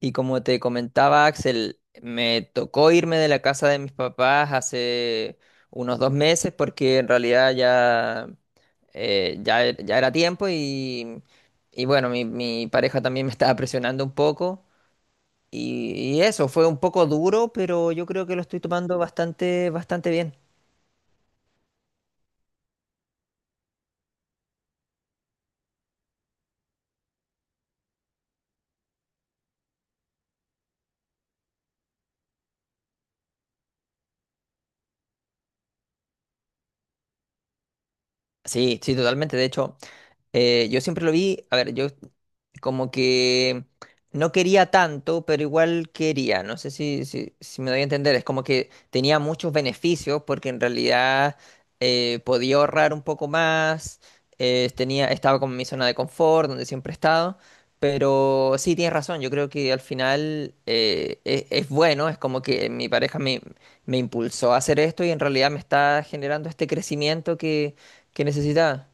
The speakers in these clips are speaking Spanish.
Y como te comentaba, Axel, me tocó irme de la casa de mis papás hace unos 2 meses porque en realidad ya, ya era tiempo y bueno, mi pareja también me estaba presionando un poco. Y eso, fue un poco duro, pero yo creo que lo estoy tomando bastante, bastante bien. Sí, sí, totalmente. De hecho. Yo siempre lo vi, a ver, yo como que no quería tanto, pero igual quería, no sé si me doy a entender, es como que tenía muchos beneficios porque en realidad podía ahorrar un poco más, tenía, estaba como en mi zona de confort, donde siempre he estado, pero sí, tienes razón, yo creo que al final es bueno, es como que mi pareja me, me impulsó a hacer esto y en realidad me está generando este crecimiento que necesitaba.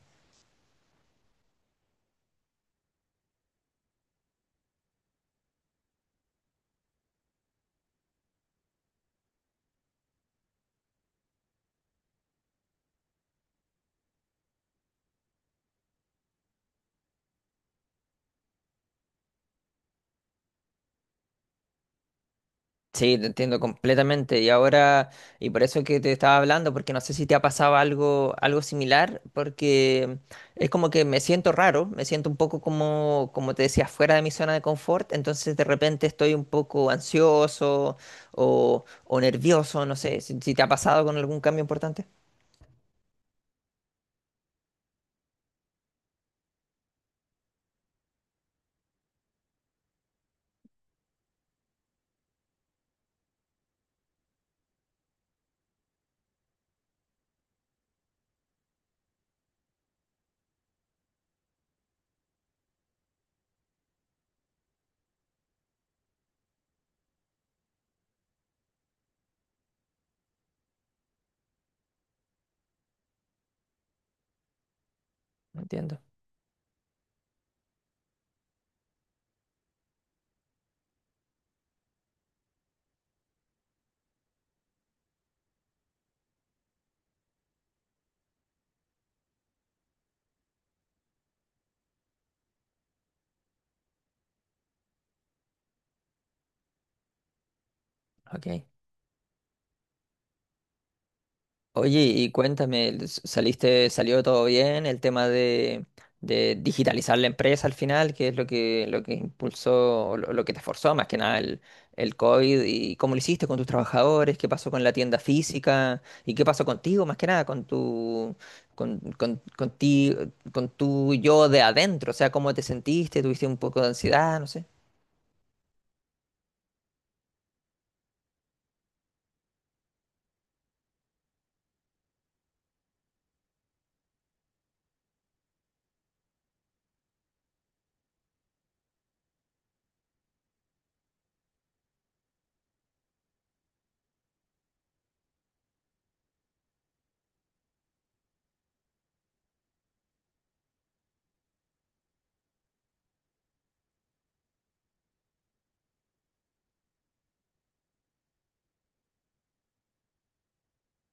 Sí, te entiendo completamente. Y ahora, y por eso que te estaba hablando, porque no sé si te ha pasado algo, algo similar, porque es como que me siento raro, me siento un poco como, como te decía, fuera de mi zona de confort, entonces de repente estoy un poco ansioso o nervioso, no sé, si te ha pasado con algún cambio importante. No entiendo. Ok. Oye, y cuéntame, ¿saliste, salió todo bien? El tema de digitalizar la empresa al final, qué es lo que impulsó, lo que te forzó más que nada el COVID, y cómo lo hiciste con tus trabajadores, qué pasó con la tienda física, y qué pasó contigo más que nada, con ti, con tu yo de adentro, o sea, cómo te sentiste, tuviste un poco de ansiedad, no sé.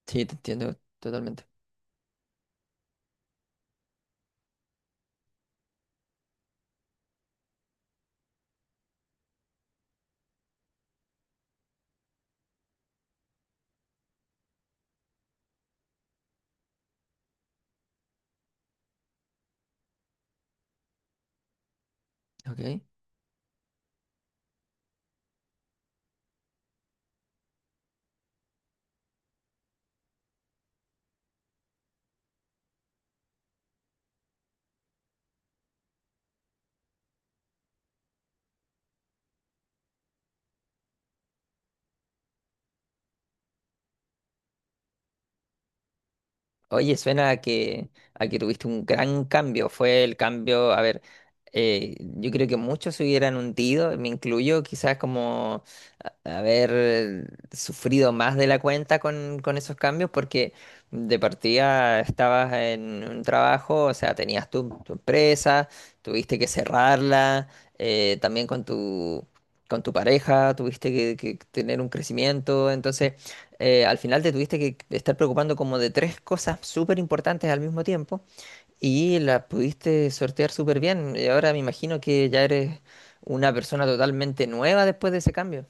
Sí, te entiendo totalmente. Ok. Oye, suena a a que tuviste un gran cambio. Fue el cambio, a ver, yo creo que muchos se hubieran hundido, me incluyo, quizás como a- haber sufrido más de la cuenta con esos cambios, porque de partida estabas en un trabajo, o sea, tenías tu, tu empresa, tuviste que cerrarla, también con tu pareja, tuviste que tener un crecimiento, entonces al final te tuviste que estar preocupando como de tres cosas súper importantes al mismo tiempo y las pudiste sortear súper bien. Y ahora me imagino que ya eres una persona totalmente nueva después de ese cambio.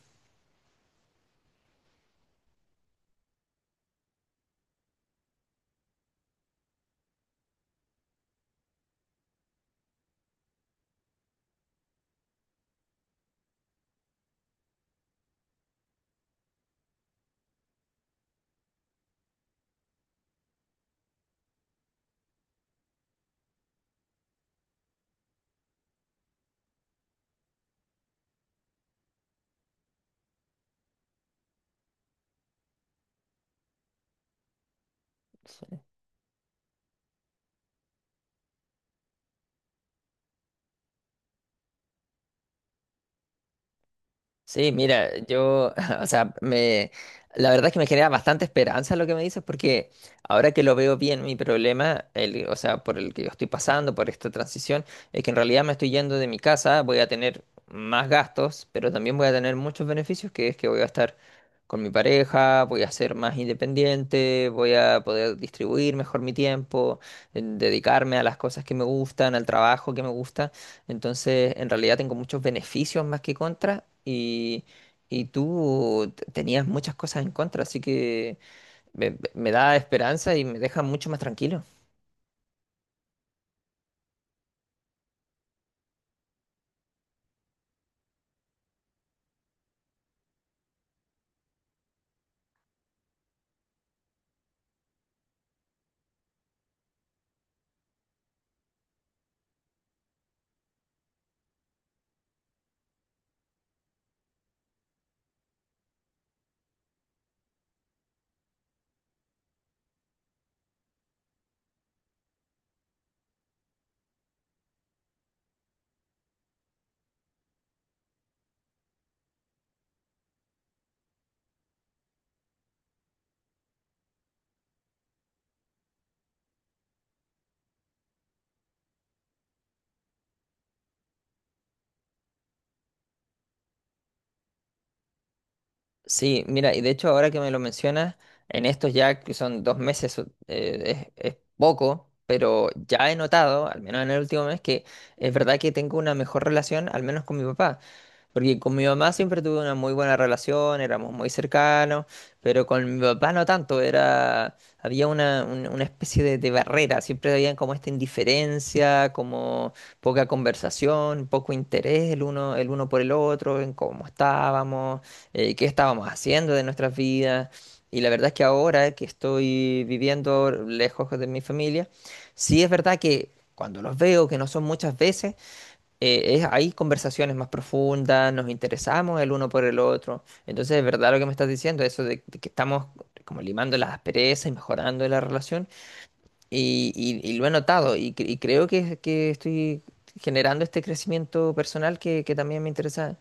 Sí, mira, yo, o sea, me, la verdad es que me genera bastante esperanza lo que me dices, porque ahora que lo veo bien, mi problema, o sea, por el que yo estoy pasando, por esta transición, es que en realidad me estoy yendo de mi casa, voy a tener más gastos, pero también voy a tener muchos beneficios, que es que voy a estar con mi pareja, voy a ser más independiente, voy a poder distribuir mejor mi tiempo, en dedicarme a las cosas que me gustan, al trabajo que me gusta. Entonces, en realidad tengo muchos beneficios más que contras y tú tenías muchas cosas en contra, así que me da esperanza y me deja mucho más tranquilo. Sí, mira, y de hecho ahora que me lo mencionas, en estos ya que son 2 meses, es poco, pero ya he notado, al menos en el último mes, que es verdad que tengo una mejor relación, al menos con mi papá. Porque con mi mamá siempre tuve una muy buena relación, éramos muy cercanos, pero con mi papá no tanto, era, había una, una especie de barrera, siempre había como esta indiferencia, como poca conversación, poco interés el uno por el otro, en cómo estábamos, qué estábamos haciendo de nuestras vidas. Y la verdad es que ahora que estoy viviendo lejos de mi familia, sí es verdad que cuando los veo, que no son muchas veces, hay conversaciones más profundas, nos interesamos el uno por el otro. Entonces, es verdad lo que me estás diciendo, eso de que estamos como limando las asperezas y mejorando la relación. Y lo he notado y creo que estoy generando este crecimiento personal que también me interesa.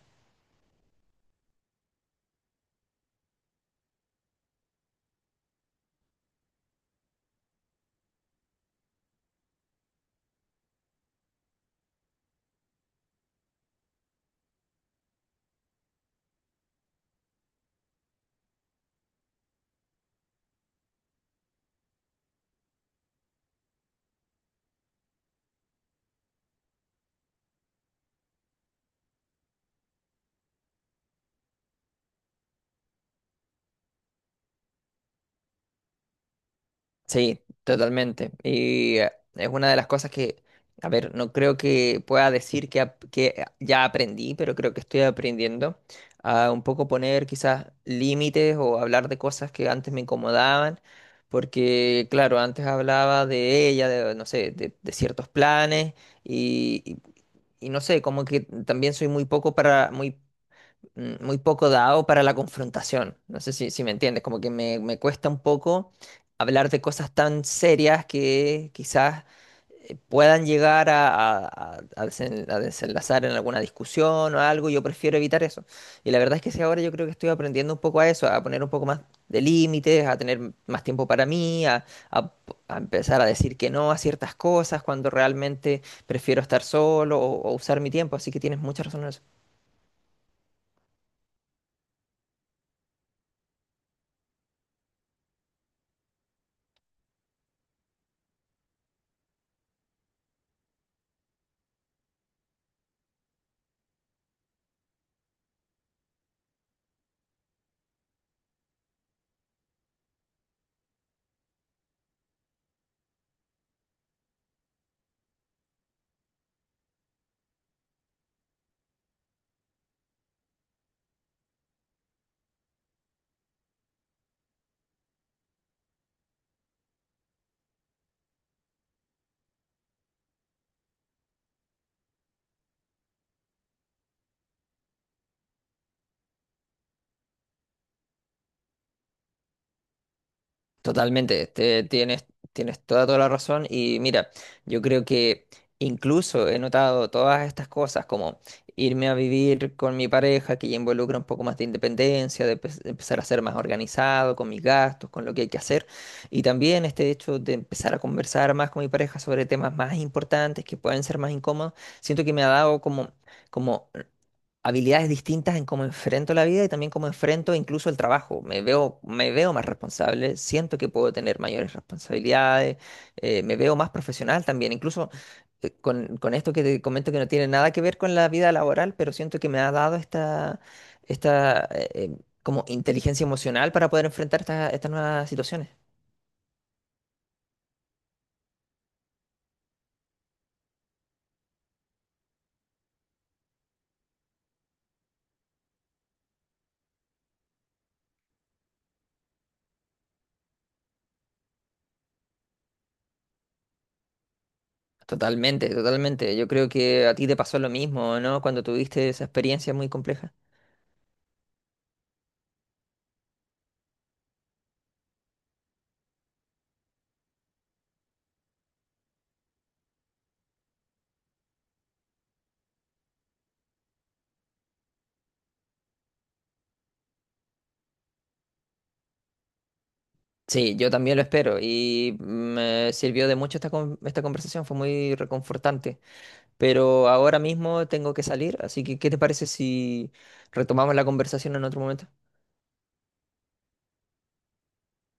Sí, totalmente. Y es una de las cosas que, a ver, no creo que pueda decir que, que ya aprendí, pero creo que estoy aprendiendo a un poco poner quizás límites o hablar de cosas que antes me incomodaban, porque claro, antes hablaba de ella, de, no sé, de ciertos planes y, y- y no sé, como que también soy muy poco para, muy muy poco dado para la confrontación. No sé si me entiendes, como que me cuesta un poco hablar de cosas tan serias que quizás puedan llegar a, a a desenlazar en alguna discusión o algo. Yo prefiero evitar eso. Y la verdad es que sí, ahora yo creo que estoy aprendiendo un poco a eso, a poner un poco más de límites, a tener más tiempo para mí, a a empezar a decir que no a ciertas cosas cuando realmente prefiero estar solo o usar mi tiempo. Así que tienes mucha razón en eso. Totalmente, tienes, tienes toda, toda la razón y mira, yo creo que incluso he notado todas estas cosas como irme a vivir con mi pareja que ya involucra un poco más de independencia, de empezar a ser más organizado con mis gastos, con lo que hay que hacer y también este hecho de empezar a conversar más con mi pareja sobre temas más importantes que pueden ser más incómodos, siento que me ha dado como, como habilidades distintas en cómo enfrento la vida y también cómo enfrento incluso el trabajo. Me veo más responsable, siento que puedo tener mayores responsabilidades, me veo más profesional también, incluso con esto que te comento que no tiene nada que ver con la vida laboral, pero siento que me ha dado esta, esta como inteligencia emocional para poder enfrentar estas nuevas situaciones. Totalmente, totalmente. Yo creo que a ti te pasó lo mismo, ¿no? Cuando tuviste esa experiencia muy compleja. Sí, yo también lo espero y me sirvió de mucho esta, esta conversación, fue muy reconfortante. Pero ahora mismo tengo que salir, así que ¿qué te parece si retomamos la conversación en otro momento?